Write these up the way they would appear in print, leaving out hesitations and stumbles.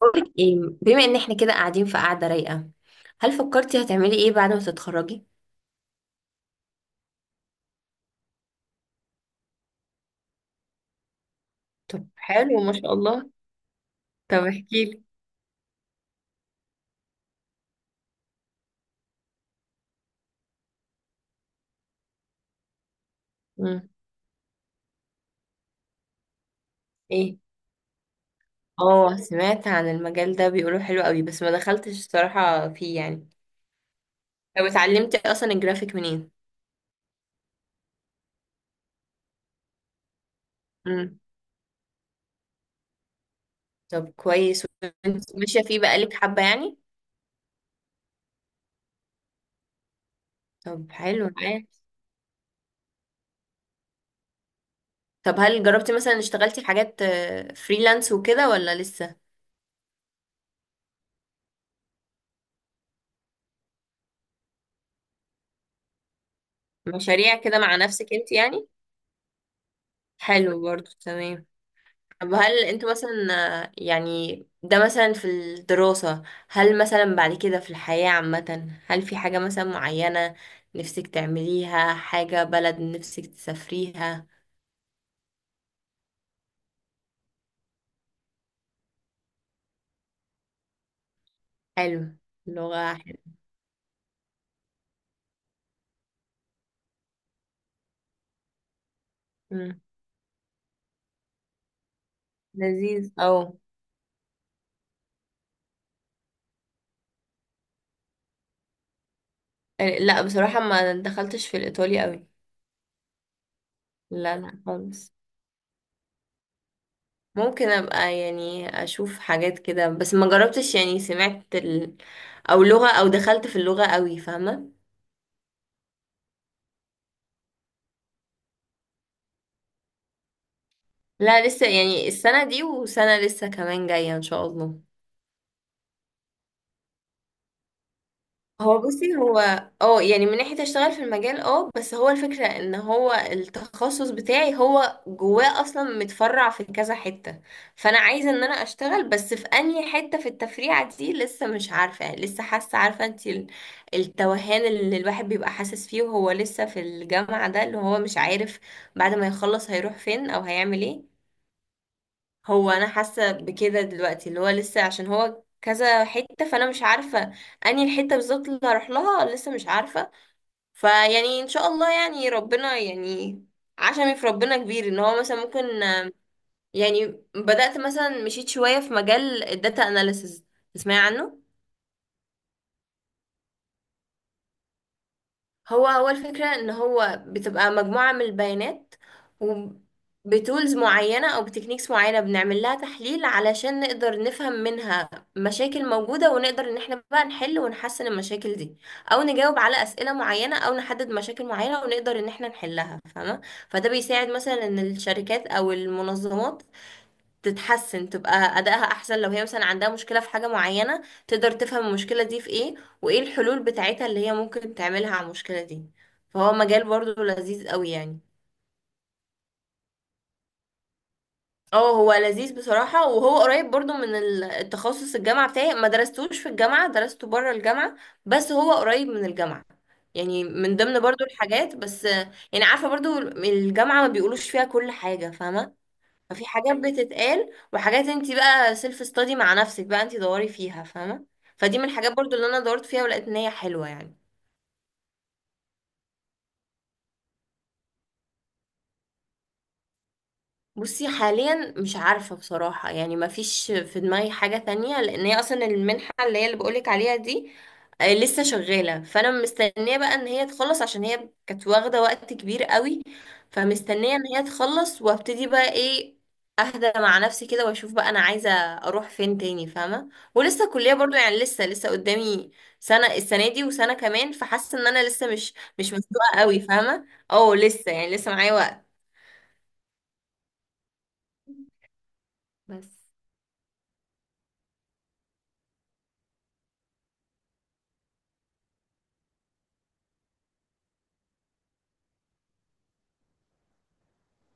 بقولك ايه؟ بما ان احنا كده قاعدين في قعده رايقه، هل فكرتي هتعملي ايه بعد ما تتخرجي؟ طب حلو ما شاء الله. طب احكي لي. امم. ايه. اه، سمعت عن المجال ده، بيقولوا حلو قوي بس ما دخلتش الصراحه فيه يعني. طب اتعلمتي اصلا الجرافيك منين؟ امم. طب كويس. وانت ماشيه فيه بقالك حبه يعني. طب حلو معايا. طب هل جربتي مثلا اشتغلتي في حاجات فريلانس وكده ولا لسه؟ مشاريع كده مع نفسك انت يعني. حلو برضو تمام. طب هل انتوا مثلا، يعني ده مثلا في الدراسة، هل مثلا بعد كده في الحياة عامة هل في حاجة مثلا معينة نفسك تعمليها، حاجة بلد نفسك تسافريها؟ حلو. لغة حلو. مم. لذيذ او. لا بصراحة ما دخلتش في الإيطالي قوي. لا لا خالص. ممكن ابقى يعني اشوف حاجات كده بس ما جربتش، يعني سمعت ال... او لغة او دخلت في اللغة قوي، فاهمة؟ لا لسه، يعني السنة دي وسنة لسه كمان جاية ان شاء الله. هو بصي هو، اه يعني من ناحية اشتغل في المجال اه، بس هو الفكرة ان هو التخصص بتاعي هو جواه اصلا متفرع في كذا حتة، فانا عايزة ان انا اشتغل بس في انهي حتة في التفريعة دي لسه مش عارفة، يعني لسه حاسة، عارفة انت ال- التوهان اللي الواحد بيبقى حاسس فيه وهو لسه في الجامعة، ده اللي هو مش عارف بعد ما يخلص هيروح فين او هيعمل ايه. هو انا حاسه بكده دلوقتي، اللي هو لسه عشان هو كذا حته، فانا مش عارفه انهي الحته بالظبط اللي هروح لها، لسه مش عارفه. فيعني ان شاء الله، يعني ربنا، يعني عشمي في ربنا كبير ان هو مثلا ممكن يعني، بدأت مثلا مشيت شويه في مجال الداتا اناليسز، تسمعي عنه؟ هو هو الفكرة ان هو بتبقى مجموعة من البيانات، وبتولز معينة او بتكنيكس معينة بنعمل لها تحليل علشان نقدر نفهم منها مشاكل موجودة، ونقدر ان احنا بقى نحل ونحسن المشاكل دي، او نجاوب على اسئلة معينة، او نحدد مشاكل معينة ونقدر ان احنا نحلها، فاهمة؟ فده بيساعد مثلا ان الشركات او المنظمات تتحسن، تبقى أدائها أحسن. لو هي مثلا عندها مشكلة في حاجة معينة، تقدر تفهم المشكلة دي في إيه وإيه الحلول بتاعتها اللي هي ممكن تعملها على المشكلة دي. فهو مجال برضو لذيذ قوي يعني. اه، هو لذيذ بصراحة، وهو قريب برضو من ال- التخصص الجامعة بتاعي، ما درستوش في الجامعة، درسته بره الجامعة، بس هو قريب من الجامعة، يعني من ضمن برضو الحاجات، بس يعني عارفة برضو الجامعة ما بيقولوش فيها كل حاجة، فاهمة؟ ففي حاجات بتتقال، وحاجات انت بقى سيلف ستادي مع نفسك، بقى انت دوري فيها، فاهمه؟ فدي من الحاجات برضو اللي انا دورت فيها ولقيت ان هي حلوه يعني. بصي حاليا مش عارفة بصراحة، يعني ما فيش في دماغي حاجة تانية، لان هي اصلا المنحة اللي هي اللي بقولك عليها دي لسه شغالة، فانا مستنية بقى ان هي تخلص عشان هي كانت واخدة وقت كبير قوي. فمستنية ان هي تخلص وابتدي بقى ايه، اهدى مع نفسي كده واشوف بقى انا عايزة اروح فين تاني، فاهمة؟ ولسه الكلية برضو يعني لسه، لسه قدامي سنة، السنة دي وسنة كمان، فحاسة ان انا لسه مش مسلوقة قوي، فاهمة؟ اه لسه، يعني لسه معايا وقت.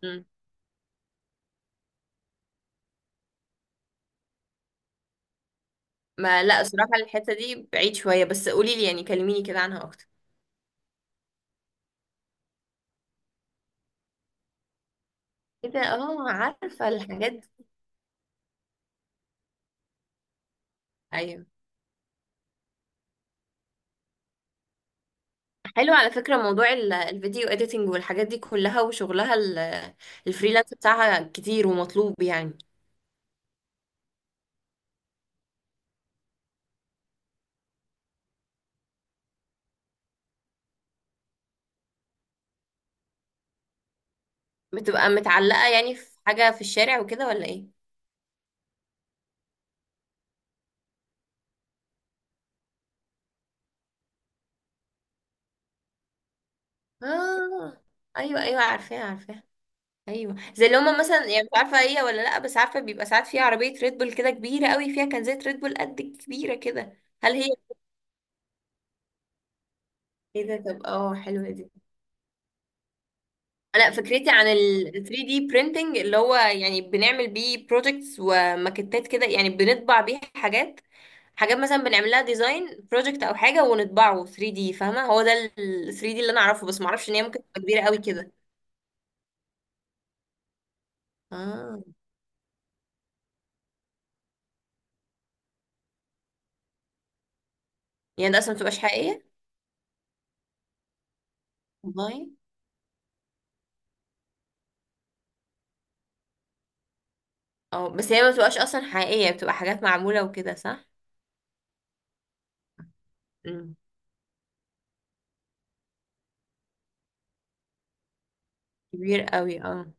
بس، ما لا صراحة الحتة دي بعيد شوية، بس قولي لي يعني، كلميني كده عنها اكتر. ايه ده؟ اه، عارفة الحاجات دي. ايوه. حلو على فكرة، موضوع ال- الفيديو اديتنج والحاجات دي كلها وشغلها ال- الفريلانس بتاعها كتير ومطلوب يعني. بتبقى متعلقة يعني في حاجة في الشارع وكده ولا ايه؟ اه. ايوه ايوه، عارفاها عارفاها. ايوه زي اللي هما مثلا، يعني مش عارفة هي ولا لا، بس عارفة بيبقى ساعات فيها عربية ريد بول كده كبيرة قوي، فيها كنزات ريد بول قد كبيرة كده. هل هي، ايه ده؟ طب اه، حلوة دي. انا فكرتي عن ال 3D printing، اللي هو يعني بنعمل بيه projects وماكتات كده، يعني بنطبع بيه حاجات، حاجات مثلا بنعمل لها ديزاين بروجكت او حاجه ونطبعه 3D، فاهمه؟ هو ده ال 3D اللي انا اعرفه، بس ما اعرفش ان هي ممكن تبقى كبيره قوي كده. اه. يعني ده اصلا ما بتبقاش حقيقيه. والله. اه بس هي ما بتبقاش اصلا حقيقيه، بتبقى حاجات معموله وكده، صح؟ امم. كبير قوي اه.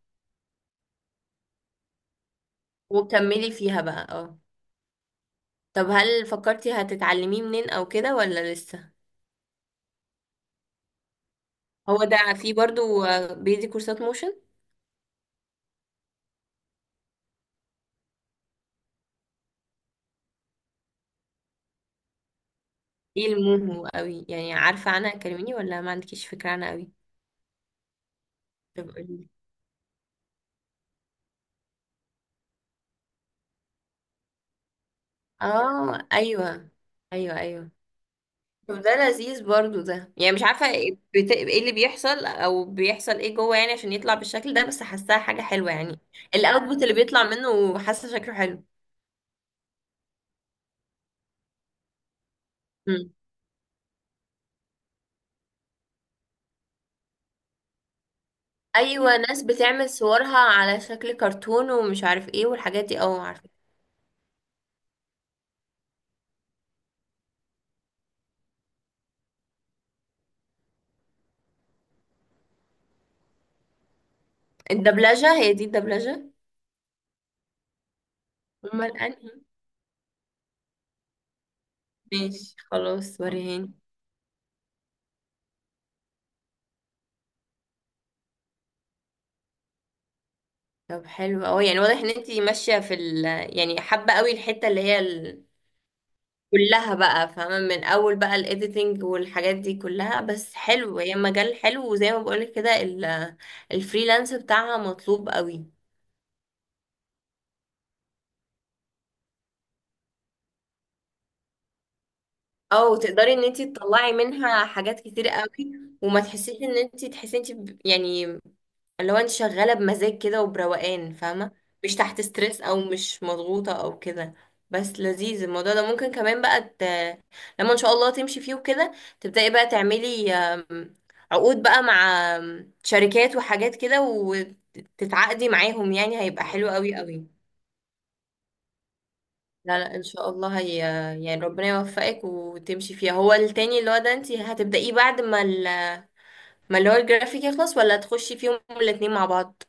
وكملي فيها بقى اه. طب هل فكرتي هتتعلميه منين او كده ولا لسه؟ هو ده في برضو بيدي كورسات موشن. ايه الموهو قوي يعني، عارفة عنها كلميني، ولا ما عندكيش فكرة عنها قوي؟ طب قولي. اه ايوه. ايوه ايوه. طب ده لذيذ برضو ده، يعني مش عارفة ايه إيه اللي بيحصل، او بيحصل ايه جوه يعني عشان يطلع بالشكل ده، بس حاساها حاجة حلوة يعني. الاوتبوت اللي بيطلع منه حاسة شكله حلو. مم. ايوه، ناس بتعمل صورها على شكل كرتون ومش عارف ايه والحاجات دي، اه عارفة. الدبلجة، هي دي الدبلجة؟ امال انهي؟ ماشي خلاص، وريهاني. طب حلو أوي، يعني واضح ان انتي ماشية في ال، يعني حابة أوي الحتة اللي هي ال... كلها بقى، فاهمة؟ من أول بقى الإيديتنج والحاجات دي كلها، بس حلو هي مجال حلو، وزي ما بقولك كده ال... الفريلانس بتاعها مطلوب أوي، او تقدري ان انت تطلعي منها حاجات كتير قوي، وما تحسيش ان انت تحسي انت يعني، اللي هو انت شغاله بمزاج كده وبروقان، فاهمه؟ مش تحت ستريس او مش مضغوطه او كده. بس لذيذ الموضوع ده، ممكن كمان بقى ت... لما ان شاء الله تمشي فيه وكده، تبداي بقى تعملي عقود بقى مع شركات وحاجات كده وتتعاقدي معاهم، يعني هيبقى حلو قوي قوي. لا لا ان شاء الله هي، يعني ربنا يوفقك وتمشي فيها. هو التاني اللي هو ده انت هتبدأيه بعد ما ال... ما اللي هو الجرافيك يخلص، ولا تخشي فيهم الاتنين مع بعض؟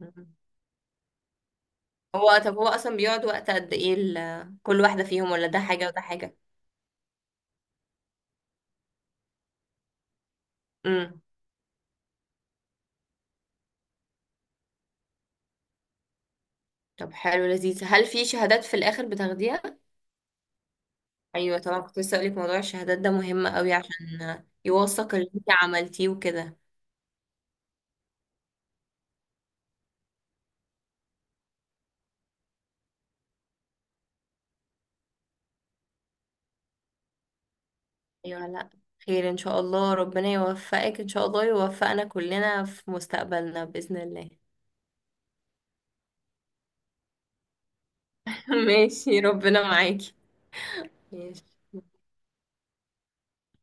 مم. هو طب هو اصلا بيقعد وقت قد ايه ال... كل واحدة فيهم، ولا ده حاجة وده حاجة؟ امم. طب حلو لذيذ، هل في شهادات في الاخر بتاخديها؟ ايوه طبعا، كنت لسه اقولك موضوع الشهادات ده مهم قوي عشان يوثق اللي انت عملتيه وكده. ايوه لا، خير ان شاء الله، ربنا يوفقك، ان شاء الله يوفقنا كلنا في مستقبلنا بإذن الله. ماشي ربنا معاكي. ماشي.